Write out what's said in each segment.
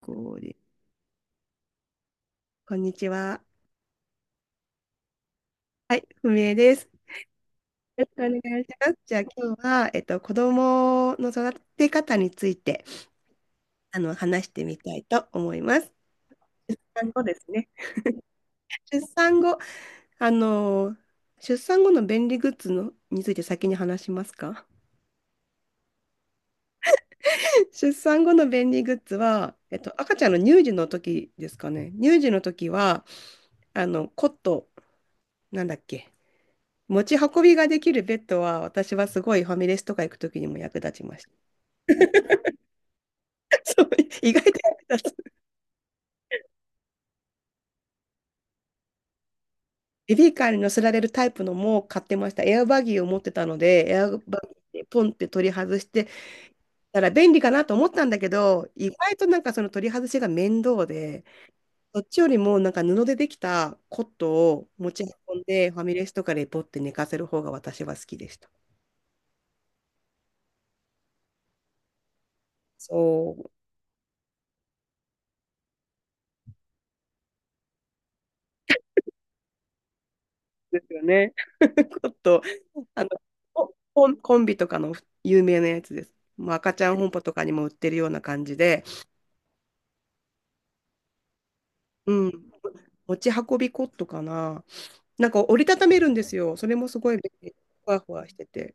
これこんにちは。はい、不明です。よろしくお願いします。じゃあ今日は、子供の育て方について、話してみたいと思います。産後ですね。出産後、あの、出産後の便利グッズのについて先に話しますか？ 出産後の便利グッズは、赤ちゃんの乳児の時ですかね。乳児の時は、あの、コット、なんだっけ。持ち運びができるベッドは、私はすごいファミレスとか行く時にも役立ちました。そう、意外と役立つ。ベビーカーに乗せられるタイプのも買ってました。エアバギーを持ってたので、エアバギーでポンって取り外して、たら便利かなと思ったんだけど、意外となんかその取り外しが面倒で、そっちよりもなんか布でできたコットを持ち運んで、ファミレスとかでポって寝かせる方が私は好きでした。そうですよね。コット、あの、ココンコンビとかの有名なやつです。もう赤ちゃん本舗とかにも売ってるような感じで、うん。持ち運びコットかな。なんか折りたためるんですよ。それもすごい便利。ふわふわしてて。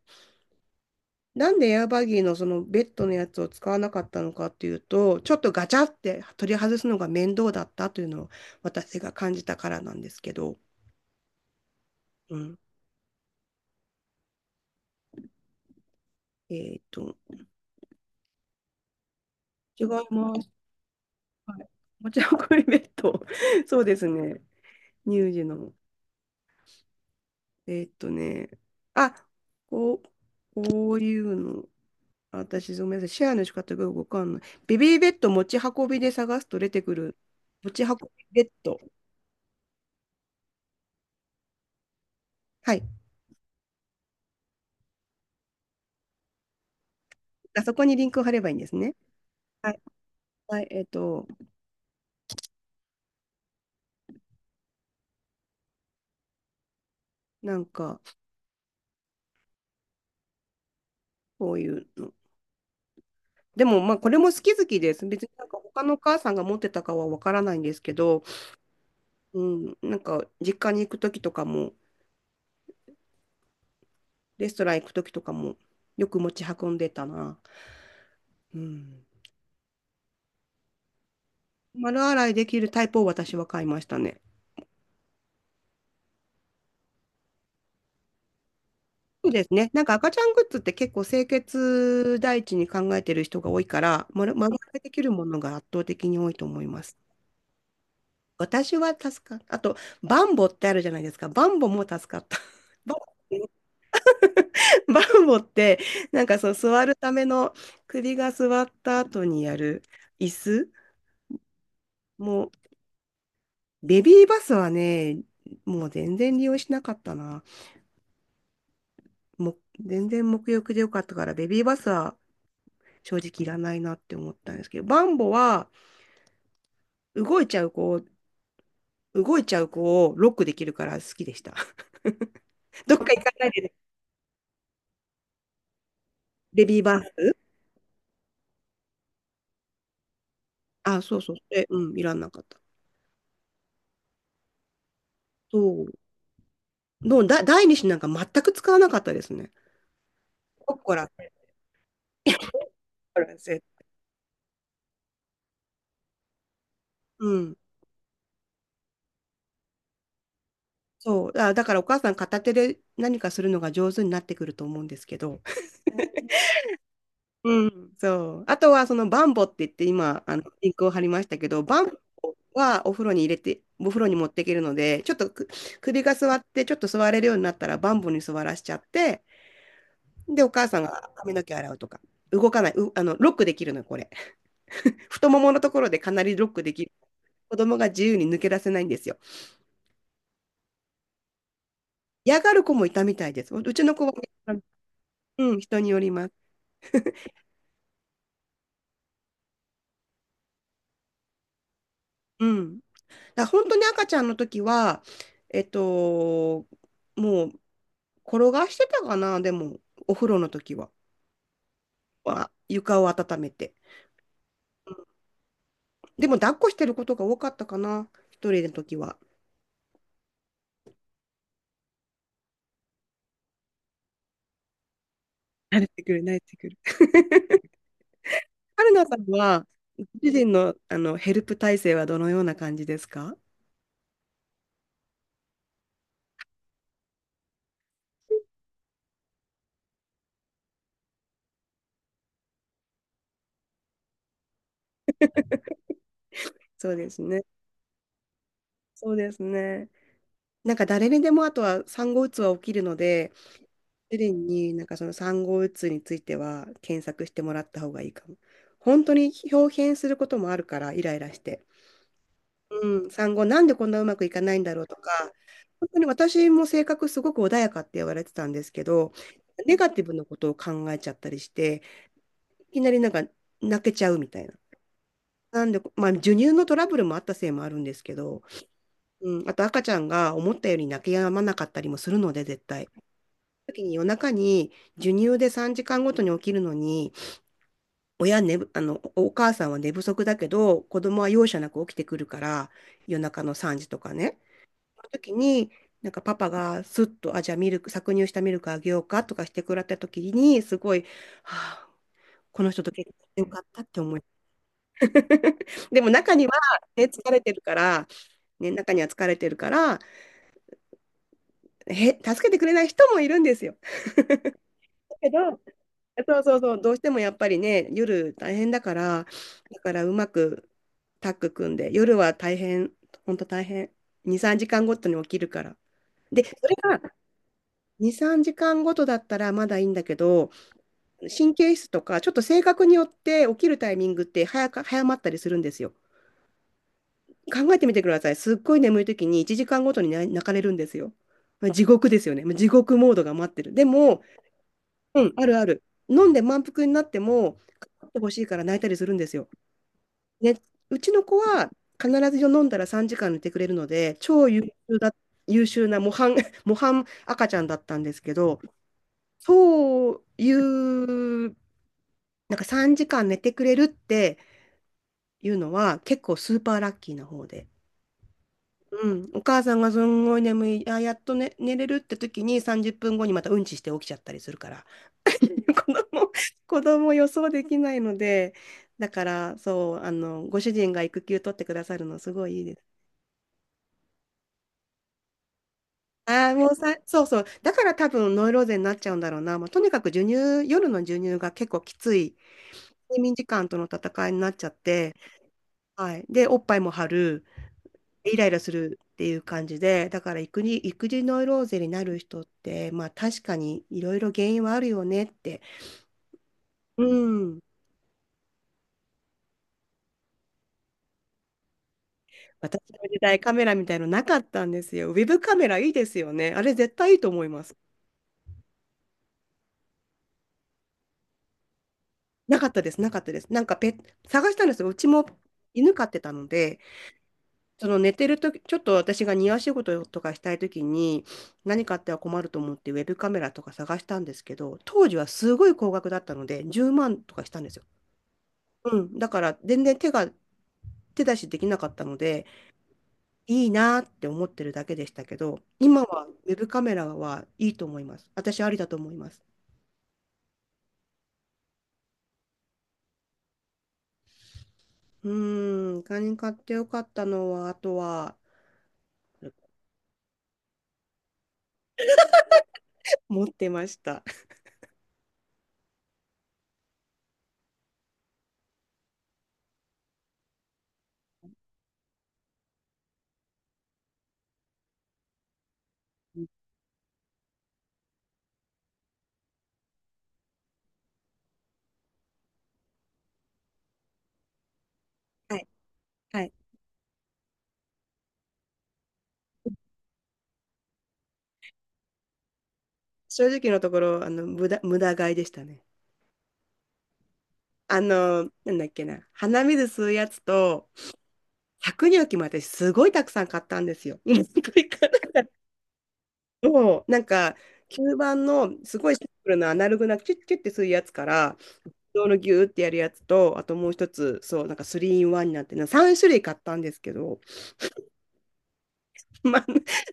なんでエアバギーのそのベッドのやつを使わなかったのかっていうと、ちょっとガチャって取り外すのが面倒だったというのを私が感じたからなんですけど。うん。えーっと、違います。はい。持ち運びベッド。そうですね。乳児の。ね。あ、こう、こういうの。私、ごめんなさい。シェアの仕方がよくわかんない。ベビーベッド持ち運びで探すと出てくる。持ち運びベッド。はい。あそこにリンクを貼ればいいんですね。はい。はい、なんか、こういうの。でも、まあ、これも好き好きです。別になんか他のお母さんが持ってたかはわからないんですけど、うん、なんか、実家に行くときとかも、レストラン行くときとかも、よく持ち運んでたな。うん。丸洗いできるタイプを私は買いましたね。そうですね。なんか赤ちゃんグッズって結構清潔第一に考えてる人が多いから、丸丸々できるものが圧倒的に多いと思います。私は助かっあと、バンボってあるじゃないですか。バンボも助かった。バ、ンバンボって、なんかその座るための首が座った後にやる椅子。もう、ベビーバスはね、もう全然利用しなかったな。もう全然沐浴でよかったから、ベビーバスは正直いらないなって思ったんですけど、バンボは、動いちゃう子を、動いちゃう子をロックできるから好きでした。どっか行かないでね、レビーバー。あ、そうそう。で、うん、いらんなかった。そう。どうだ、第二子なんか全く使わなかったですね。コッコラ、コッコラせうん。そう。だ、だからお母さん片手で何かするのが上手になってくると思うんですけど。うん、そう。あとは、そのバンボって言って、今、リンクを貼りましたけど、バンボはお風呂に入れて、お風呂に持っていけるので、ちょっとく首が座って、ちょっと座れるようになったら、バンボに座らしちゃって、で、お母さんが髪の毛洗うとか、動かない、う、あの、ロックできるの、これ。太もものところでかなりロックできる。子供が自由に抜け出せないんですよ。嫌がる子もいたみたいです。ううちの子はね、うん、人によります。うん。だから本当に赤ちゃんの時は、えっと、もう、転がしてたかな、でも、お風呂の時は。は床を温めて。でも、抱っこしてることが多かったかな、一人の時は。慣れてくる、慣れてくる。春菜さんは、ご主人の、あのヘルプ体制はどのような感じですか？そうですね。そうですね。なんか誰にでもあとは産後うつは起きるので、主人になんかその産後うつについては検索してもらった方がいいかも。本当に表現することもあるから、イライラして。うん、産後なんでこんなうまくいかないんだろうとか、本当に私も性格すごく穏やかって言われてたんですけど、ネガティブなことを考えちゃったりして、いきなりなんか泣けちゃうみたいな。なんで、まあ、授乳のトラブルもあったせいもあるんですけど、うん、あと赤ちゃんが思ったより泣き止まなかったりもするので、絶対。時に夜中に授乳で3時間ごとに起きるのに、親寝ぶ、おお母さんは寝不足だけど、子供は容赦なく起きてくるから、夜中の3時とかね。その時に、なんかパパがスッと、あ、じゃあミルク、搾乳したミルクあげようかとかしてくれた時に、すごい、はあ、この人と結婚してよかったって思い。でも中には、ね、疲れてるから、ね、中には疲れてるから、へ、助けてくれない人もいるんですよ。だけど、そうそうそう、どうしてもやっぱりね、夜大変だから、だからうまくタッグ組んで、夜は大変、本当大変、2、3時間ごとに起きるから。で、それが2、3時間ごとだったらまだいいんだけど、神経質とか、ちょっと性格によって起きるタイミングって早か、早まったりするんですよ。考えてみてください。すっごい眠い時に1時間ごとにな泣かれるんですよ。まあ地獄ですよね。まあ地獄モードが待ってる。でも、うん、あるある。飲んで満腹になっても、飲んでほしいから泣いたりするんですよ。ね、うちの子は必ず飲んだら3時間寝てくれるので、超優秀だ、優秀な模範、模範赤ちゃんだったんですけど、そういうなんか3時間寝てくれるっていうのは結構スーパーラッキーな方で。うん、お母さんがすんごい眠い、あ、やっと、ね、寝れるって時に30分後にまたうんちして起きちゃったりするから、子供、子供予想できないので、だからそう、ご主人が育休取ってくださるのすごいいいです。ああ、もうさ、そうそう、だから多分ノイローゼになっちゃうんだろうな、まあ、とにかく授乳、夜の授乳が結構きつい、睡眠時間との戦いになっちゃって、はい、で、おっぱいも張る。イライラするっていう感じで、だから育児、育児ノイローゼになる人って、まあ確かにいろいろ原因はあるよねって。うん。私の時代カメラみたいのなかったんですよ。ウェブカメラいいですよね。あれ絶対いいと思います。なかったです、なかったです。なんかペ探したんですよ。うちも犬飼ってたので、その寝てるとき、ちょっと私が庭仕事とかしたいときに、何かあっては困ると思ってウェブカメラとか探したんですけど、当時はすごい高額だったので、10万とかしたんですよ。うん、だから全然手出しできなかったので、いいなって思ってるだけでしたけど、今はウェブカメラはいいと思います。私ありだと思います。他に買ってよかったのは、あとは持ってました。 はい、はい。正直のところ、無駄買いでしたね。なんだっけな、鼻水吸うやつと、百乳器も私すごいたくさん買ったんですよ。 今ごいか。そう、吸盤のすごいシンプルなアナログなキュッキュッてするやつから、自動のギューってやるやつと、あともう一つ、そう、なんか 3in1 になってるな。3種類買ったんですけど、ま、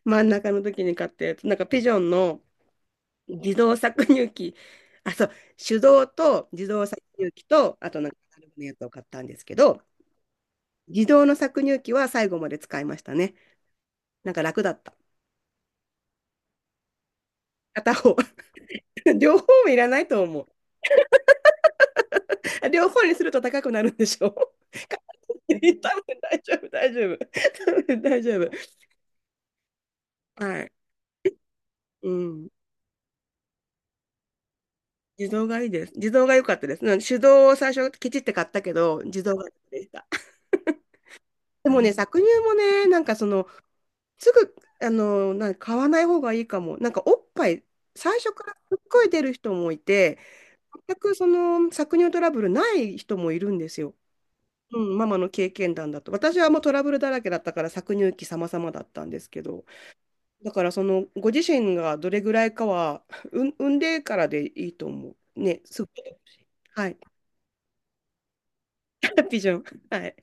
真ん中の時に買ったやつ、なんかピジョンの自動搾乳機、あ、そう、手動と自動搾乳機と、あとなんかアナログのやつを買ったんですけど、自動の搾乳機は最後まで使いましたね。なんか楽だった。片方。両方もいらないと思う。両方にすると高くなるんでしょう？ 多分大丈夫、大丈夫。多分大丈夫。はい。うん。自動がいいです。自動が良かったです。うん、手動を最初ケチって買ったけど、自動が良かったでした。でもね、搾乳もね、なんかその、すぐ、あの、なんか買わない方がいいかも。なんかおっぱい、最初からすっごい出る人もいて、全くその搾乳トラブルない人もいるんですよ。うん、ママの経験談だと。私はもうトラブルだらけだったから搾乳期様々だったんですけど、だからそのご自身がどれぐらいかは、うん、産んでからでいいと思う。ね、すぐ。はい。ハッピーじゃん。はい。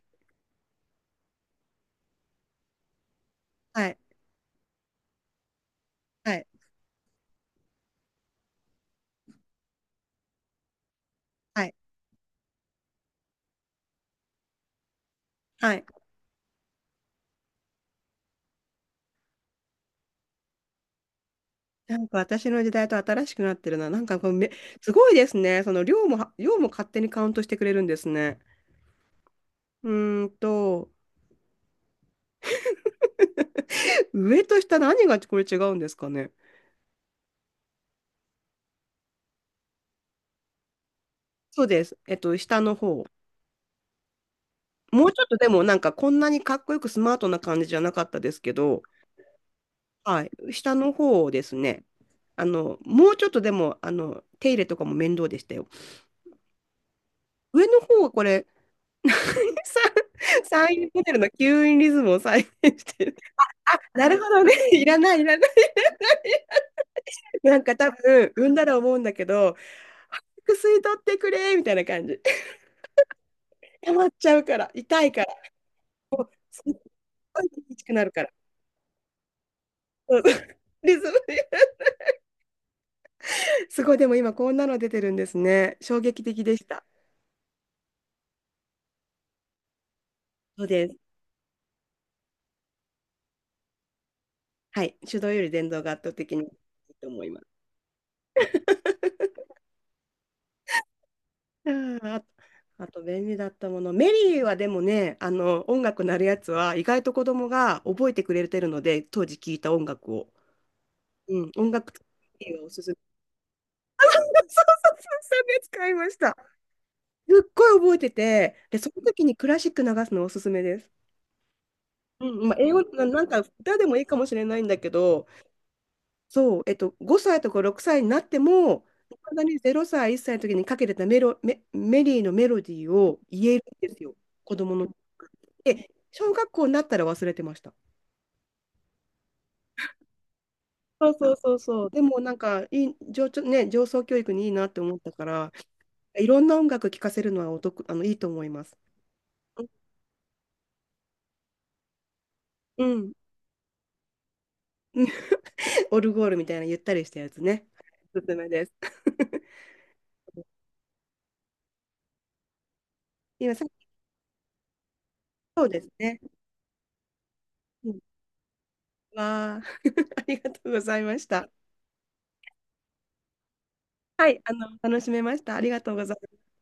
はい。はい。はい。はい。なんか私の時代と新しくなってるな。なんかこうめ、すごいですね。その量も勝手にカウントしてくれるんですね。うーんと、上と下、何がこれ違うんですかね？そうです。えっと、下の方。もうちょっとでも、なんかこんなにかっこよくスマートな感じじゃなかったですけど、はい、下の方をですね、もうちょっとでも、手入れとかも面倒でしたよ。上の方はこれ、さサインモデルの吸引リズムを再現してる。なるほどね、いらない、いらない。なんか多分、産んだら思うんだけど、早く吸い取ってくれ、みたいな感じ。溜まっちゃうから、痛いから、すっごい厳しくなるから。そうそう、リズムで、すごい、でも今こんなの出てるんですね。衝撃的でした。そうです。はい。手動より電動が圧倒的にいいと思います。うん、あ、あと便利だったもの。メリーはでもね、音楽なるやつは意外と子供が覚えてくれてるので、当時聴いた音楽を。うん、音楽をおすすめ。そうそうそう、それ使いました。すっごい覚えてて、で、その時にクラシック流すのおすすめです。うん、まあ、英語な、なんか歌でもいいかもしれないんだけど、そう、えっと、5歳とか6歳になっても、いまだに0歳、1歳の時にかけてたメリーのメロディーを言えるんですよ、子供の。で、小学校になったら忘れてました。そうそうそうそう。でもなんかいい、上、ちょね、上層教育にいいなって思ったから、いろんな音楽聴かせるのはお得、いいと思います。うん。うん。 オルゴールみたいなゆったりしたやつね。おすすめです。今さ、そうですね。うん、わあ、ありがとうございました。はい、あの、楽しめました。ありがとうございます。